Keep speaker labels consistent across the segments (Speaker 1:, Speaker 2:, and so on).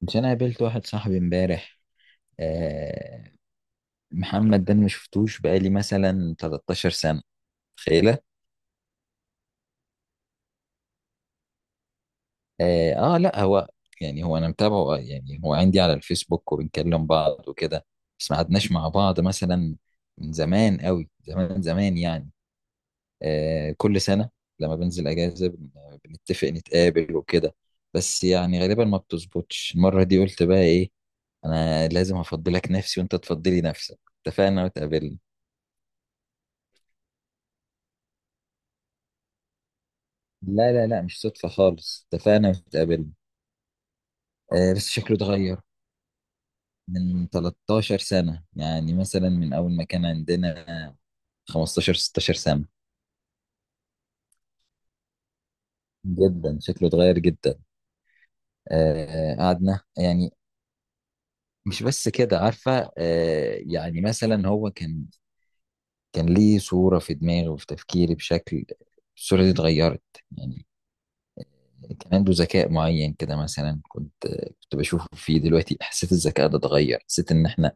Speaker 1: مش انا قابلت واحد صاحبي امبارح. آه. محمد ده أنا ما شفتوش بقالي مثلا 13 سنة. تخيله. آه, اه، لا، هو يعني هو انا متابعه، يعني هو عندي على الفيسبوك وبنكلم بعض وكده. بس ما قعدناش مع بعض مثلا من زمان قوي، زمان زمان يعني. آه، كل سنة لما بنزل اجازة بنتفق نتقابل وكده. بس يعني غالبا ما بتظبطش. المرة دي قلت بقى ايه، انا لازم افضلك نفسي وانت تفضلي نفسك. اتفقنا واتقابلنا. لا لا لا، مش صدفة خالص، اتفقنا واتقابلنا. آه بس شكله اتغير من 13 سنة، يعني مثلا من أول ما كان عندنا 15 16 سنة. جدا شكله اتغير جدا. آه قعدنا يعني. مش بس كده، عارفة؟ آه يعني مثلا هو كان ليه صورة في دماغي وفي تفكيري بشكل، الصورة دي اتغيرت يعني. كان عنده ذكاء معين كده، مثلا كنت بشوفه فيه، دلوقتي حسيت الذكاء ده اتغير. حسيت ان احنا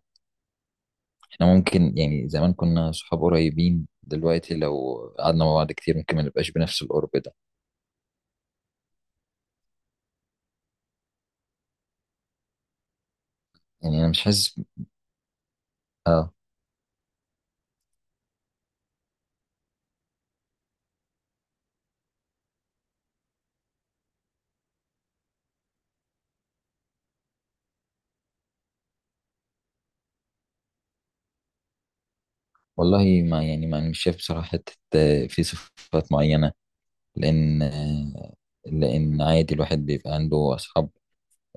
Speaker 1: احنا ممكن، يعني زمان كنا صحاب قريبين، دلوقتي لو قعدنا مع بعض كتير ممكن ما نبقاش بنفس القرب ده. يعني انا مش حاسس. اه. والله ما مش شايف بصراحة حتة، في صفات معينة، لان لان عادي الواحد بيبقى عنده اصحاب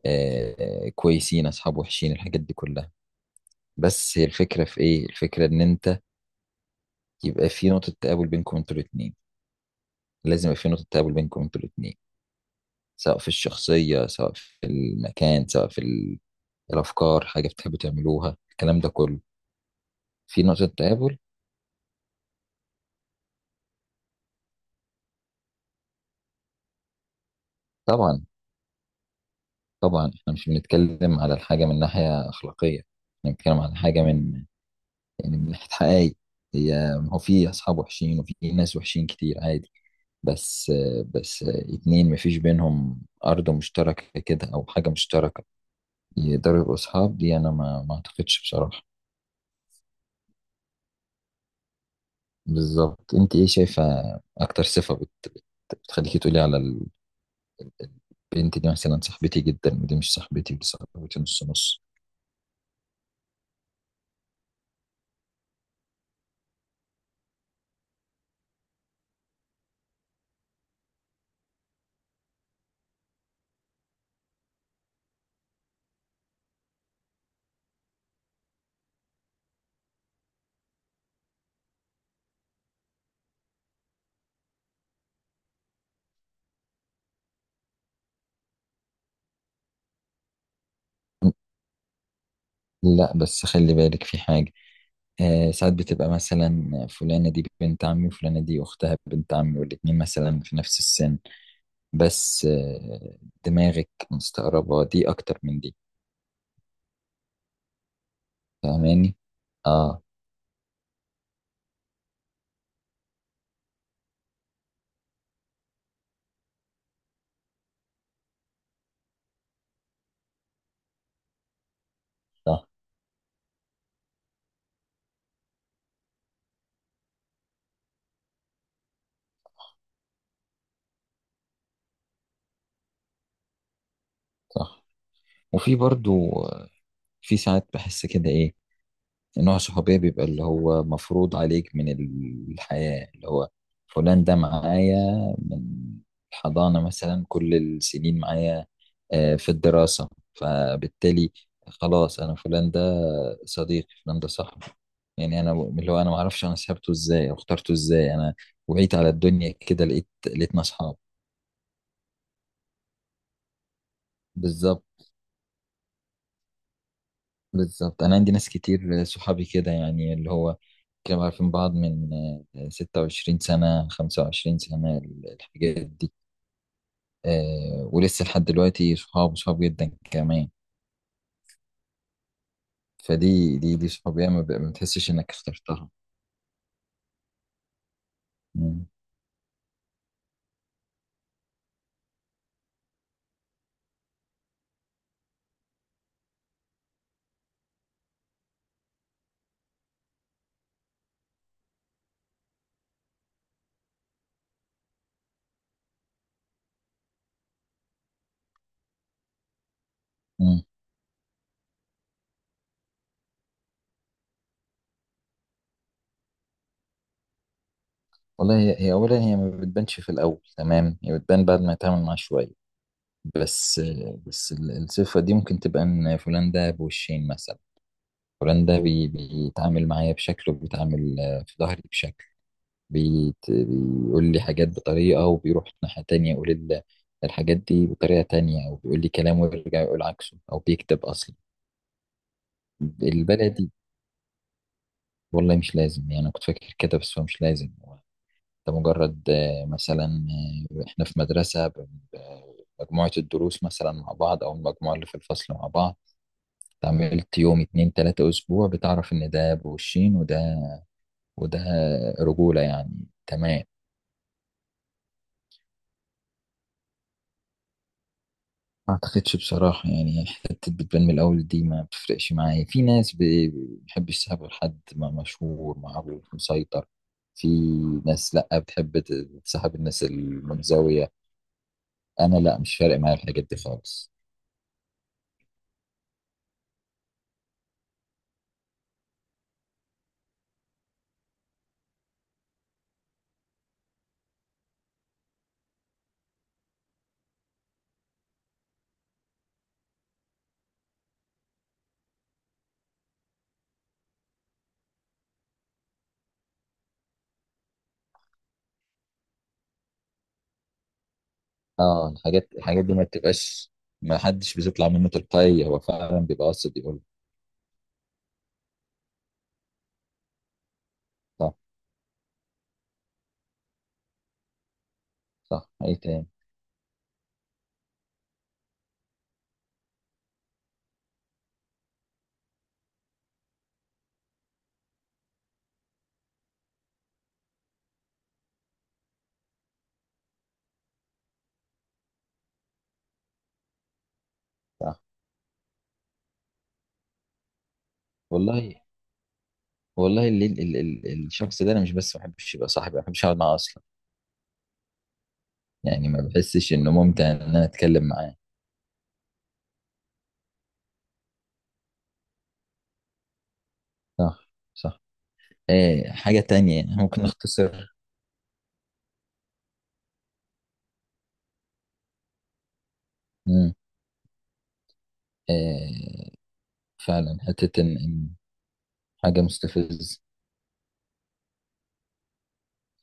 Speaker 1: كويسين، اصحاب وحشين، الحاجات دي كلها. بس هي الفكرة في ايه؟ الفكرة ان انت يبقى في نقطة تقابل بينكم انتوا الاتنين. لازم يبقى في نقطة تقابل بينكم انتوا الاتنين، سواء في الشخصية، سواء في المكان، سواء في الافكار، حاجه بتحبوا تعملوها، الكلام ده كله. في نقطه تقابل. طبعا طبعا، احنا مش بنتكلم على الحاجه من ناحيه اخلاقيه، احنا بنتكلم على حاجه من يعني من ناحيه حقائق. هي، هو في اصحاب وحشين وفي ناس وحشين كتير عادي، بس بس اتنين مفيش بينهم ارض مشتركه كده او حاجه مشتركه يقدروا يبقوا اصحاب، دي انا ما اعتقدش بصراحه. بالظبط. انت ايه شايفه اكتر صفه بتخليكي تقولي على البنت دي مثلا صاحبتي جدا، ودي مش صاحبتي، ودي صاحبتي نص نص؟ لا بس خلي بالك في حاجة. آه ساعات بتبقى مثلا فلانة دي بنت عمي، وفلانة دي أختها بنت عمي، والاتنين مثلا في نفس السن، بس آه دماغك مستقربة دي أكتر من دي. فاهماني؟ اه. صح صح. وفي برضو في ساعات بحس كده إيه، نوع صحوبية بيبقى اللي هو مفروض عليك من الحياة، اللي هو فلان ده معايا من الحضانة مثلا كل السنين معايا في الدراسة، فبالتالي خلاص أنا فلان ده صديقي، فلان ده صاحبي. يعني أنا، اللي هو أنا معرفش أنا سحبته إزاي أو اخترته إزاي، أنا وعيت على الدنيا كده لقيتنا أصحاب. بالظبط. بالظبط انا عندي ناس كتير صحابي كده يعني، اللي هو كانوا عارفين بعض من 26 سنة، 25 سنة، الحاجات دي، ولسه لحد دلوقتي صحاب صحاب جدا كمان. فدي دي دي صحابية ما بتحسش انك اخترتها. مم. مم. والله هي، هي اولا هي ما بتبانش في الاول، تمام؟ هي بتبان بعد ما يتعامل معاها شوية. بس بس الصفة دي ممكن تبقى ان فلان ده بوشين مثلا، فلان ده بيتعامل معايا بشكل وبيتعامل في ظهري بشكل. بيقول لي حاجات بطريقة، وبيروح ناحية تانية يقول الحاجات دي بطريقة تانية، أو بيقول لي كلام ويرجع يقول عكسه، أو بيكتب أصلا البلدي. والله مش لازم، يعني أنا كنت فاكر كده بس هو مش لازم. هو ده مجرد مثلا إحنا في مدرسة مجموعة الدروس مثلا مع بعض، أو المجموعة اللي في الفصل مع بعض. اتعاملت يوم اتنين تلاتة أسبوع بتعرف إن ده بالشين وده وده رجولة يعني. تمام. ما اعتقدش بصراحة، يعني حتة بتبان من الأول دي ما بتفرقش معايا. في ناس بتحب يسيبها غير حد، ما مشهور، معروف، مسيطر. في ناس لأ، بتحب تسحب الناس المنزوية. أنا لأ، مش فارق معايا الحاجات دي خالص. اه، الحاجات دي ما بتبقاش. ما حدش بيطلع منه تلقائي، هو فعلا بيبقى قاصد يقول. صح. صح، أي تاني؟ صح. والله. والله ال ال ال الشخص ده أنا مش بس ما بحبش يبقى صاحبي، ما بحبش أقعد معاه أصلا. يعني ما بحسش إنه ممتع إن أنا أتكلم معاه. صح. صح، آه حاجة تانية يعني ممكن نختصر. مم. آه. فعلا حتة إن حاجة مستفزة.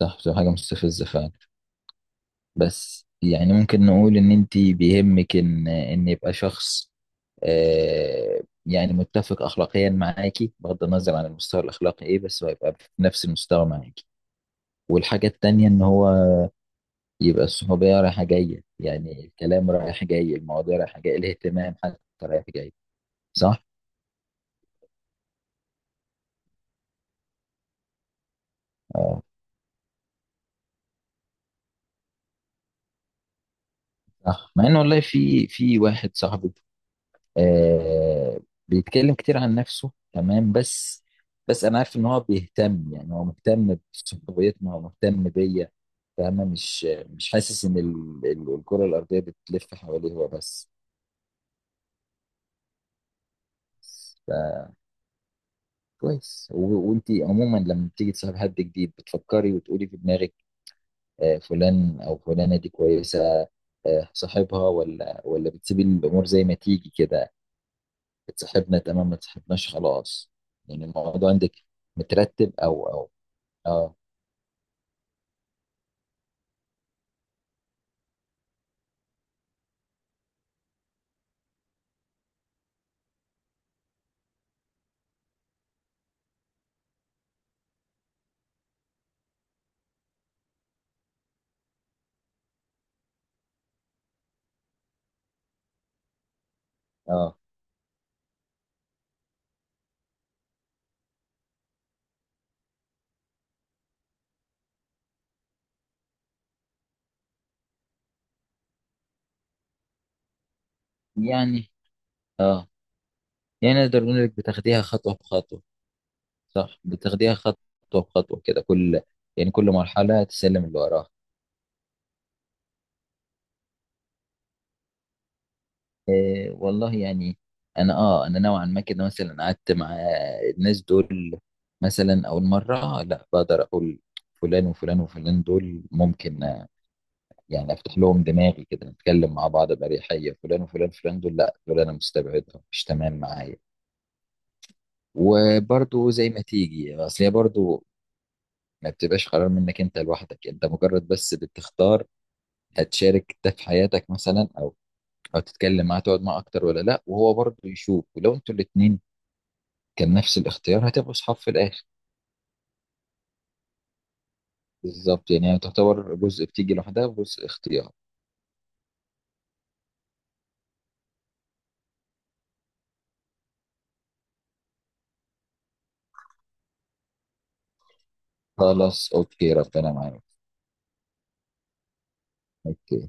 Speaker 1: صح، بتبقى حاجة مستفزة فعلا. بس يعني ممكن نقول إن أنت بيهمك إن يبقى شخص آه يعني متفق أخلاقيا معاكي، بغض النظر عن المستوى الأخلاقي إيه، بس هو يبقى في نفس المستوى معاكي. والحاجة التانية إن هو يبقى الصحوبية رايحة جاية، يعني الكلام رايح جاي، المواضيع رايحة جاية، الاهتمام حتى رايح جاي. صح؟ آه. صح، مع ان والله في واحد صاحبي آه بيتكلم كتير عن نفسه، تمام؟ بس انا عارف ان هو بيهتم، يعني هو مهتم بصحبيتنا، هو مهتم بيا، فاهمة؟ مش حاسس ان الكرة الارضية بتلف حواليه هو بس. فكويس. وانتي عموما لما بتيجي تصاحب حد جديد بتفكري وتقولي في دماغك آه فلان او فلانة دي كويسة، آه صاحبها، ولا بتسيبي الامور زي ما تيجي كده، اتصاحبنا تمام، ما اتصاحبناش خلاص؟ يعني الموضوع عندك مترتب، او او اه اه يعني اه يعني نقدر نقول لك بتاخديها خطوة بخطوة. صح. بتاخديها خطوة بخطوة كده، كل، يعني كل مرحلة تسلم اللي وراها. إيه والله، يعني انا اه، انا نوعا ما كده مثلا قعدت مع الناس دول، مثلا اول مرة لا، بقدر اقول فلان وفلان وفلان دول ممكن يعني افتح لهم دماغي كده نتكلم مع بعض باريحيه، فلان وفلان فلان دول لا، دول انا مستبعدهم مش تمام معايا. وبرضو زي ما تيجي، اصل هي برضو ما بتبقاش قرار منك انت لوحدك، انت مجرد بس بتختار هتشارك ده في حياتك مثلا او تتكلم معاه تقعد معاه اكتر ولا لا، وهو برضو يشوف، ولو انتوا الاتنين كان نفس الاختيار هتبقوا اصحاب في الاخر. بالظبط. يعني هي تعتبر جزء بتيجي لوحدها وجزء اختيار. خلاص، اوكي، ربنا معاك. اوكي.